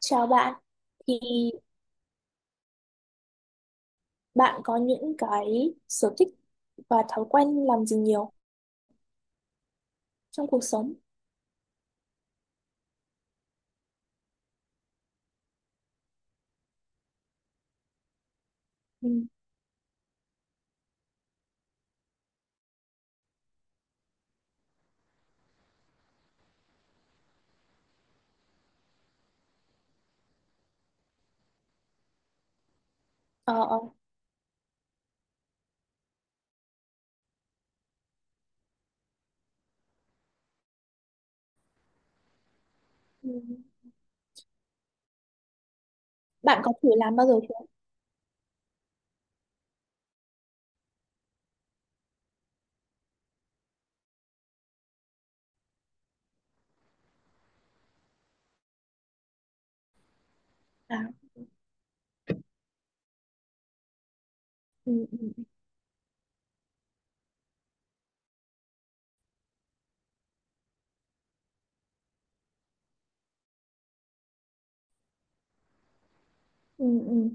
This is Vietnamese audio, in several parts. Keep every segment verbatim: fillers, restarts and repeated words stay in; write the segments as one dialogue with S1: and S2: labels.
S1: Chào bạn, thì bạn có những cái sở thích và thói quen làm gì nhiều trong cuộc sống? Ừ. Ờ, ờ. Ừ. Bạn có thử làm bao giờ chưa? À, ừ, ừ, ừ, ừ. Ừ.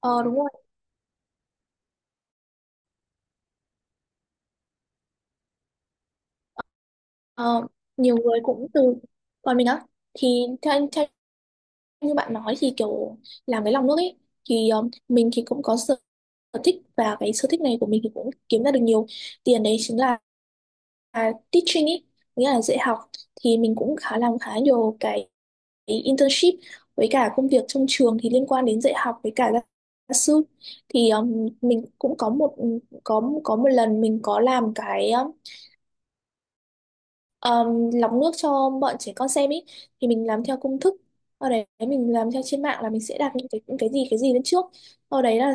S1: Ờ, đúng rồi. Ờ, nhiều người cũng từ, còn mình á thì theo, theo như bạn nói thì kiểu làm với lòng nước ấy, thì ờ, mình thì cũng có sở sở thích, và cái sở thích này của mình thì cũng kiếm ra được nhiều tiền, đấy chính là à, teaching ý, nghĩa là dạy học. Thì mình cũng khá làm khá nhiều cái internship với cả công việc trong trường thì liên quan đến dạy học với cả gia gia sư. Thì um, mình cũng có một, có có một lần mình có làm cái um, um, lọc nước cho bọn trẻ con xem ý. Thì mình làm theo công thức ở đấy, mình làm theo trên mạng là mình sẽ đặt những cái, những cái gì cái gì lên trước, sau đấy là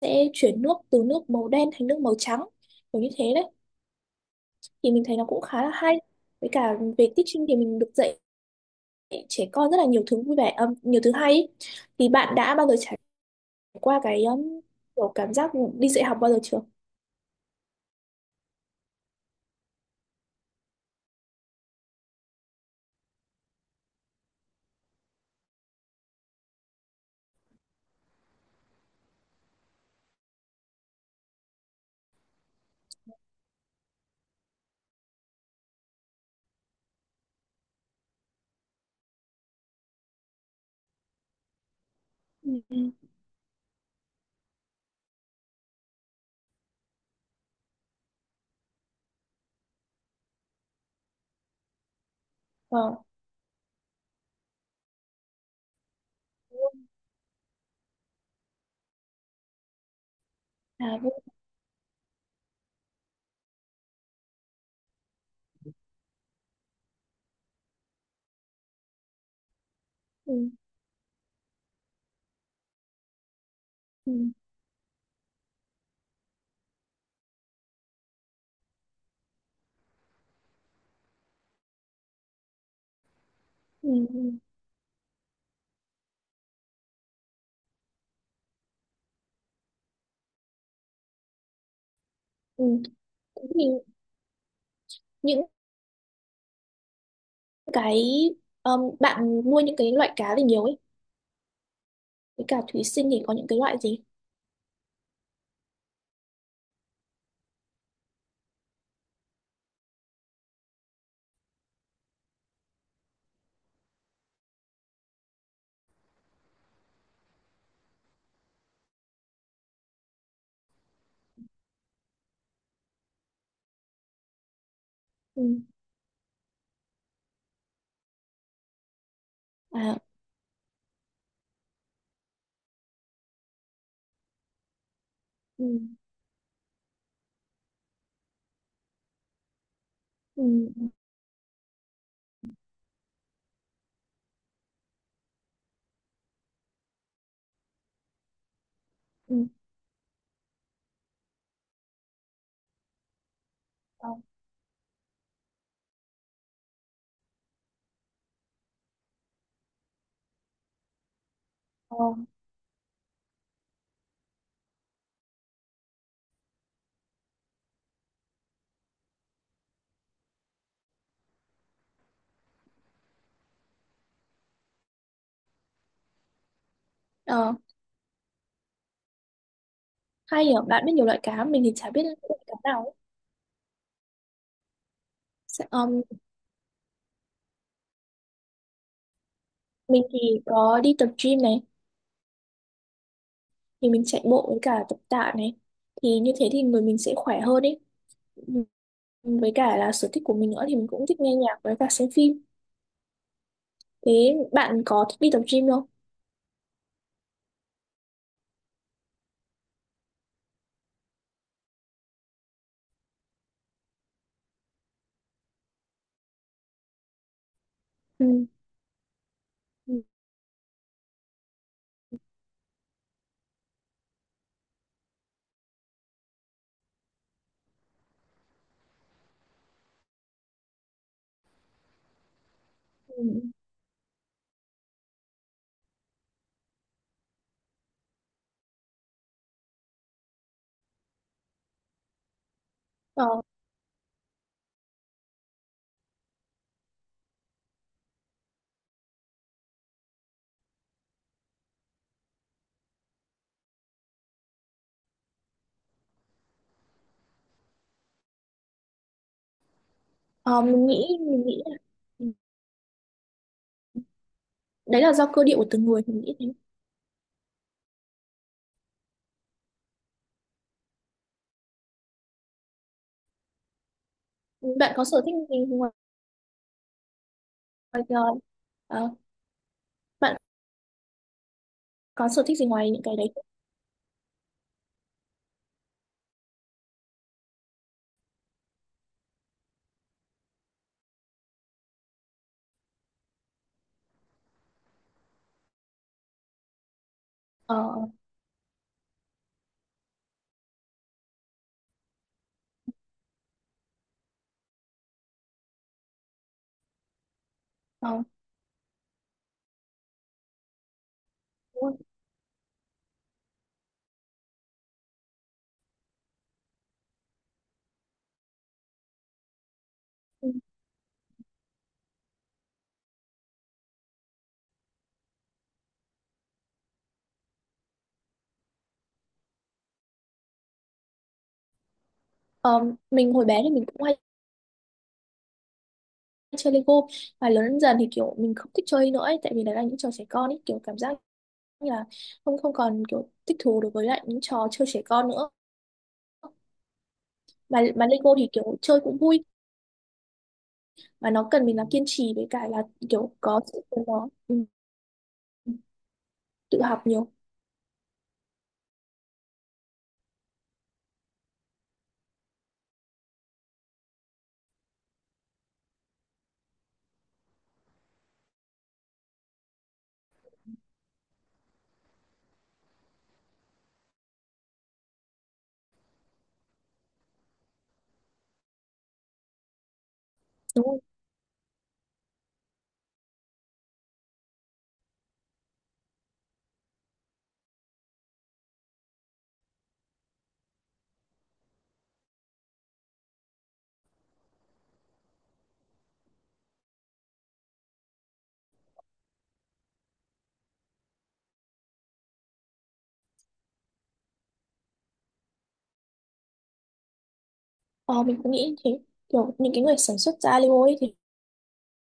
S1: sẽ chuyển nước từ nước màu đen thành nước màu trắng, kiểu như thế đấy. Thì mình thấy nó cũng khá là hay. Với cả về teaching thì mình được dạy trẻ con rất là nhiều thứ vui vẻ, um, nhiều thứ hay ý. Thì bạn đã bao giờ trải qua cái um, kiểu cảm giác đi dạy học bao giờ chưa? Ừ. Ừ. Ờ. À, vui. Ừ. Ừ. Ừ. Ừ. Ừ. Thì những cái um, bạn nuôi những cái loại cá gì nhiều ấy, với cả thủy sinh thì có những cái loại gì? Ừ. À. Ừ. Ừ. Ừ. Ừ. Ờ. Ờ. Ờ. Hay nhỉ, bạn biết nhiều loại cá, mình thì chả biết loại cá nào ấy. Sẽ- um, mình thì có đi tập gym này, thì mình chạy bộ với cả tập tạ này, thì như thế thì người mình sẽ khỏe hơn ấy. Ừ. Với cả là sở thích của mình nữa thì mình cũng thích nghe nhạc với cả xem phim. Thế bạn có thích đi tập gym không? Ừ. Ừ. Ừ. Ờ. Ờ, mình nghĩ mình nghĩ là ừ, đấy là do cơ địa của từng người, mình nghĩ thế. Bạn có sở thích gì ngoài, ngoài, ờ, ờ, bạn có sở thích gì ngoài những cái đấy không? Ờ. Ờ, đúng rồi. Ừ. Ờ, mình hồi bé thì mình cũng hay chơi Lego, và lớn dần dần thì kiểu mình không thích chơi nữa ấy, tại vì đấy là những trò trẻ con ấy, kiểu cảm giác như là không, không còn kiểu thích thú đối với lại những trò chơi trẻ con nữa. Mà mà Lego thì kiểu chơi cũng vui, mà nó cần mình là kiên trì với cả là kiểu có sự của nó, ừ, tự học nhiều. Đúng rồi. Ờ, mình cũng nghĩ như thế. Kiểu những cái người sản xuất ra Lego ấy thì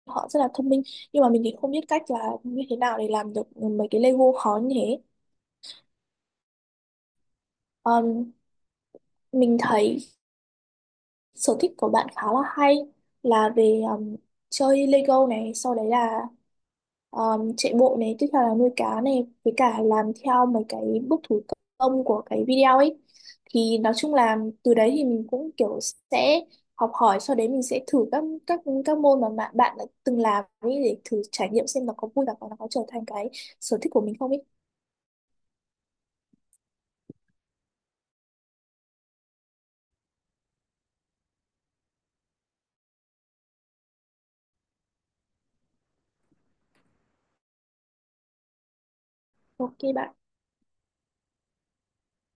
S1: họ rất là thông minh, nhưng mà mình thì không biết cách là như thế nào để làm được mấy cái Lego khó như thế. Ờm, mình thấy sở thích của bạn khá là hay, là về ờm, chơi Lego này, sau đấy là um, chạy bộ này, tiếp theo là nuôi cá này, với cả làm theo mấy cái bước thủ công của cái video ấy. Thì nói chung là từ đấy thì mình cũng kiểu sẽ học hỏi, sau đấy mình sẽ thử các các các môn mà bạn bạn đã từng làm ấy, để thử trải nghiệm xem nó có vui và nó có trở thành cái sở thích của mình không ấy. Ok bạn.